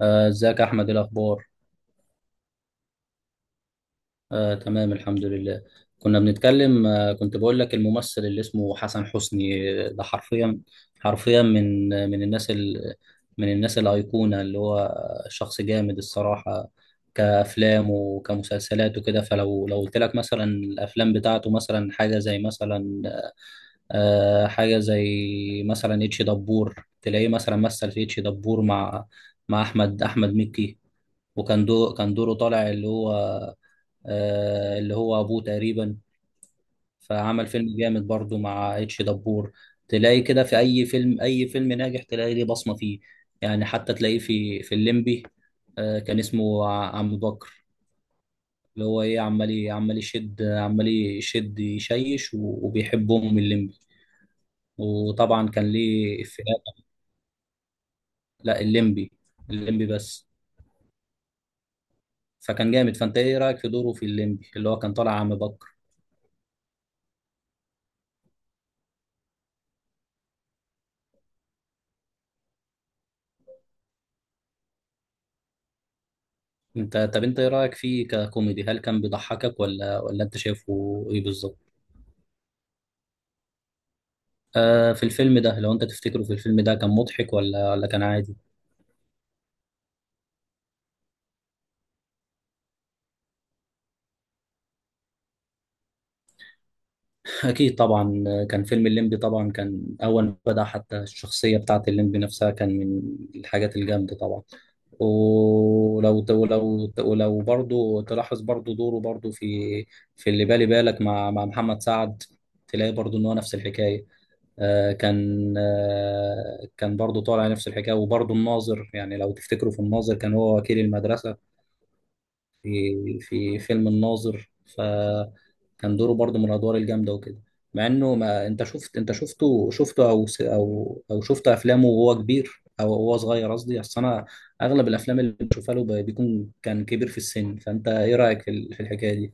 ازيك يا احمد؟ إيه الاخبار؟ تمام، الحمد لله. كنا بنتكلم، كنت بقول لك الممثل اللي اسمه حسن حسني، ده حرفيا حرفيا من آه، من الناس ال من الناس الايقونه، اللي هو شخص جامد الصراحه، كافلام وكمسلسلات وكده. فلو قلت لك مثلا الافلام بتاعته، مثلا حاجه زي مثلا اتش دبور، تلاقيه مثلا مثل في اتش دبور مع احمد مكي، وكان دوره طالع، اللي هو ابوه تقريبا، فعمل فيلم جامد برضو مع اتش دبور. تلاقي كده في اي فيلم، اي فيلم ناجح تلاقي ليه بصمة فيه. يعني حتى تلاقيه في الليمبي، كان اسمه عم بكر، اللي هو ايه، عمال يشد يشيش، و- وبيحب ام الليمبي، وطبعا كان ليه افيهات. لا، الليمبي. الليمبي بس. فكان جامد. فانت ايه رايك في دوره في الليمبي، اللي هو كان طالع عم بكر؟ طب انت ايه رايك فيه ككوميدي؟ هل كان بيضحكك ولا انت شايفه ايه بالظبط؟ في الفيلم ده، لو انت تفتكره، في الفيلم ده كان مضحك ولا كان عادي؟ اكيد طبعا. كان فيلم الليمبي طبعا، كان اول ما بدا، حتى الشخصيه بتاعه الليمبي نفسها كان من الحاجات الجامده طبعا. ولو برضه تلاحظ برضه دوره برضه في في اللي بالي بالك مع محمد سعد، تلاقي برضه ان هو نفس الحكايه. كان برضه طالع نفس الحكايه. وبرضه الناظر، يعني لو تفتكروا في الناظر، كان هو وكيل المدرسه في فيلم الناظر. فكان دوره برضه من الادوار الجامده وكده، مع انه ما انت شفت، انت شفته، او س- او او شفت افلامه وهو كبير او هو صغير؟ قصدي، اصل انا اغلب الافلام اللي بشوفها له بيكون كان كبير في السن. فانت ايه رايك في الحكايه دي؟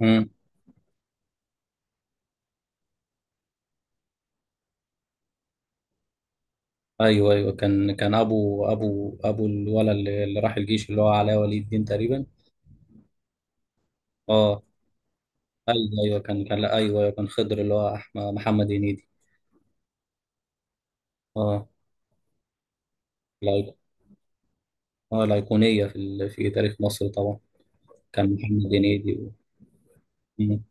امم. ايوه، ايوه، كان ابو الولد اللي راح الجيش، اللي هو علاء ولي الدين تقريبا. اه. ايوه، ايوه، كان كان لا، ايوه، أيوة، كان خضر اللي هو أحمد محمد هنيدي. اه. الأيق- اه الايقونيه في تاريخ مصر طبعا. كان محمد هنيدي و. مم.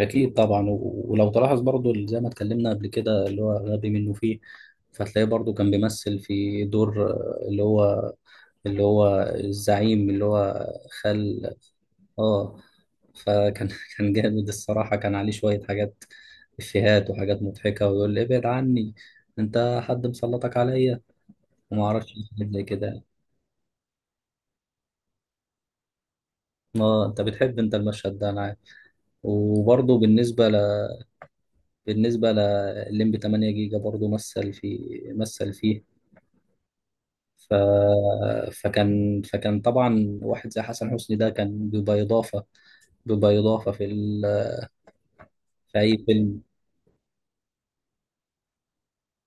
اكيد طبعا. و... ولو تلاحظ برضو، اللي زي ما اتكلمنا قبل كده، اللي هو غبي منه فيه، فتلاقيه برضو كان بيمثل في دور، اللي هو الزعيم، اللي هو خال. اه. فكان كان جامد الصراحة، كان عليه شوية حاجات، إفيهات وحاجات مضحكة، ويقول لي ابعد عني، أنت حد مسلطك عليا، وما أعرفش حاجات زي كده. ما أنت بتحب أنت المشهد ده، أنا عارف. وبرضه بالنسبة لليمبي 8 جيجا برضه مثل فيه. ف... فكان فكان طبعا واحد زي حسن حسني ده كان بيبقى إضافة، بيبقى إضافة في أي فيلم؟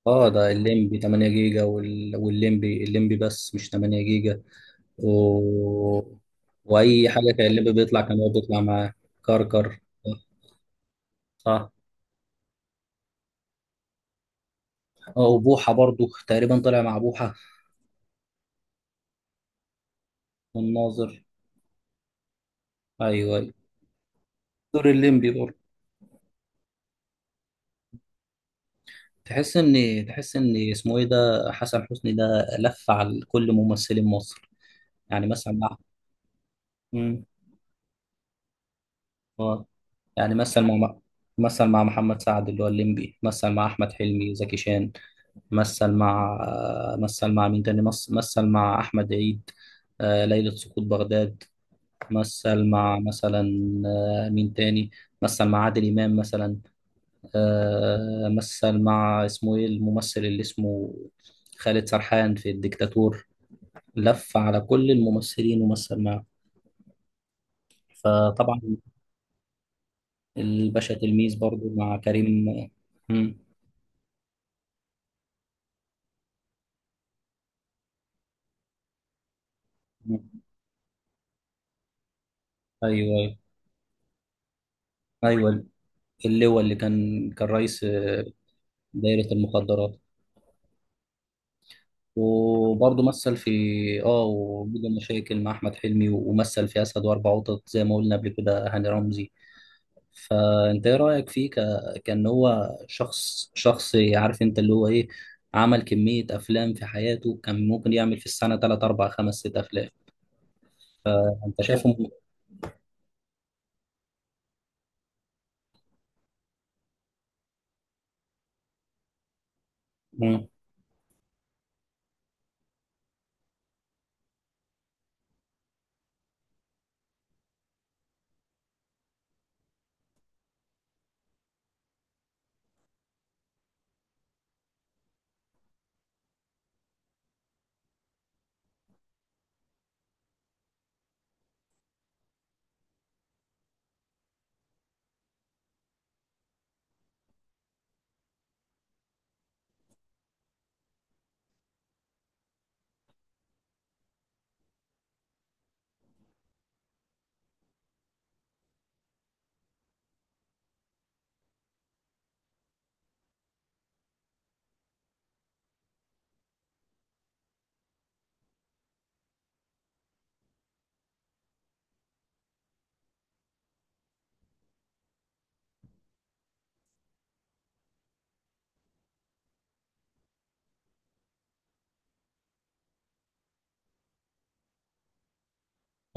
اه، ده الليمبي 8 جيجا، والليمبي بس مش 8 جيجا. و... واي حاجه كان هو بيطلع معاه. كركر. صح. اه وبوحه برضو تقريبا طلع مع بوحه. والناظر. ايوه، ايوه، دور الليمبي برضو. تحس ان تحس ان اسمه ايه ده، حسن حسني ده لف على كل ممثلين مصر. يعني مثلا مع، مم. اه يعني مثل مع محمد سعد اللي هو الليمبي، مثل مع احمد حلمي، زكي شان، مثل مع مثل مع مين تاني، مثل مع احمد عيد، ليلة سقوط بغداد. مثل مع مثلا، مين تاني. مثل مع عادل إمام مثلا، مثل مع اسمه ايه الممثل اللي اسمه خالد سرحان في الديكتاتور. لف على كل الممثلين ومثل معاه. فطبعا الباشا تلميذ برضو مع كريم. مم. مم. ايوه، ايوه، ايوه، اللي كان رئيس، دايرة المخدرات. وبرضه مثل في، اه وجود المشاكل مع احمد حلمي، ومثل في اسد واربع قطط زي ما قلنا قبل كده، هاني رمزي. فانت ايه رايك فيه كان هو شخص عارف انت اللي هو ايه، عمل كميه افلام في حياته، كان ممكن يعمل في السنه 3 4 5 6 افلام. انت شايفه؟ مم.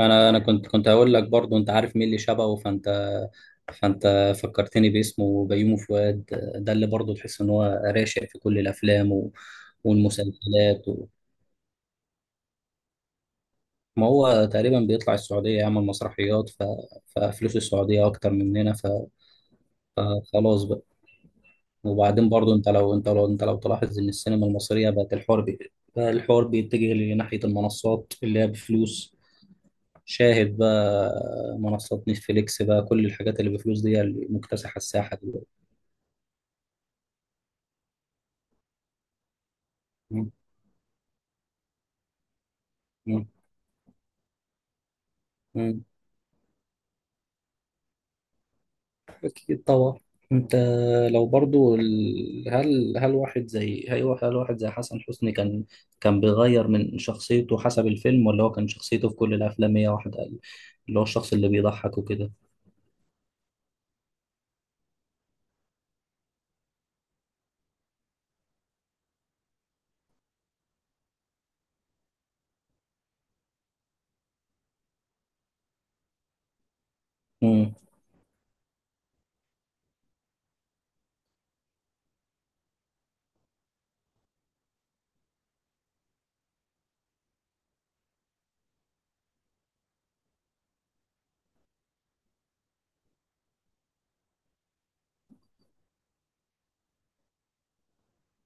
انا كنت هقول لك برضه، انت عارف مين اللي شبهه؟ فانت فكرتني باسمه، بيومي فؤاد. ده اللي برضه تحس ان هو راشق في كل الافلام و... والمسلسلات. ما هو تقريبا بيطلع السعودية يعمل مسرحيات ف. ففلوس السعودية أكتر مننا ف. فخلاص بقى. وبعدين برضو، أنت لو أنت لو أنت لو تلاحظ إن السينما المصرية بقت الحوار بي... بقى الحوار بيتجه لناحية المنصات اللي هي بفلوس شاهد بقى منصات نتفليكس بقى كل الحاجات اللي بفلوس دي هي اللي مكتسحة الساحة دلوقتي م- م- أكيد طبعا أنت، هل واحد زي حسن حسني كان بيغير من شخصيته حسب الفيلم، ولا هو كان شخصيته في كل الأفلام هي واحدة، اللي هو الشخص اللي بيضحك وكده؟ امم.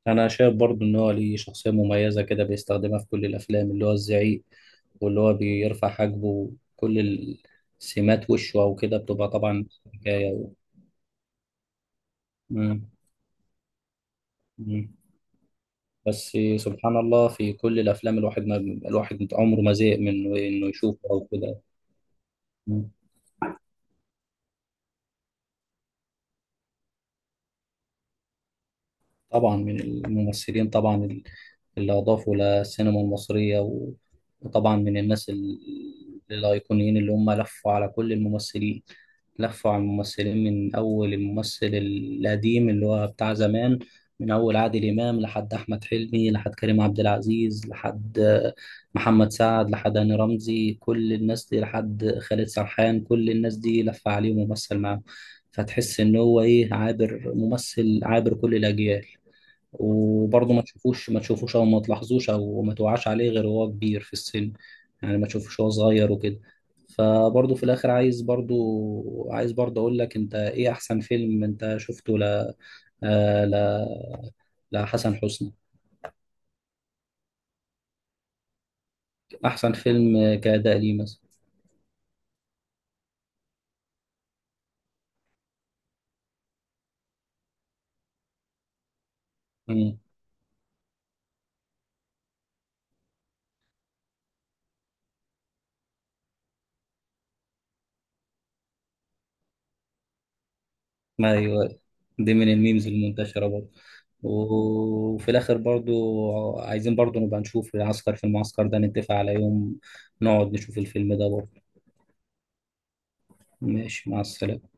أنا شايف برضو إن هو ليه شخصية مميزة كده بيستخدمها في كل الأفلام، اللي هو الزعيق، واللي هو بيرفع حاجبه، كل السمات وشه أو كده بتبقى طبعا. حكاية. مم. مم. بس سبحان الله، في كل الافلام الواحد عمره ما زهق من انه يشوفه او كده. طبعا من الممثلين طبعا، اللي أضافوا للسينما المصرية، و- وطبعا من الناس، الأيقونيين اللي هم لفوا على كل الممثلين، لفوا على الممثلين من أول الممثل القديم اللي هو بتاع زمان، من أول عادل إمام لحد أحمد حلمي لحد كريم عبد العزيز لحد، محمد سعد لحد هاني رمزي، كل الناس دي لحد خالد سرحان، كل الناس دي لف عليه وممثل معاهم. فتحس إن هو إيه، ممثل عابر كل الأجيال. وبرضه ما تشوفوش او ما تلاحظوش او ما توعاش عليه غير وهو كبير في السن. يعني ما تشوفوش وهو صغير وكده. فبرضه في الاخر، عايز برضه اقول لك، انت ايه احسن فيلم انت شفته ل آه، ل لحسن حسني؟ احسن فيلم كأداء ليه مثلا. مم. ايوه. دي من الميمز المنتشرة برضه. وفي الاخر برضو، عايزين برضو نبقى نشوف العسكر في المعسكر ده، نتفق على يوم نقعد نشوف الفيلم ده برضو. ماشي، مع السلامة.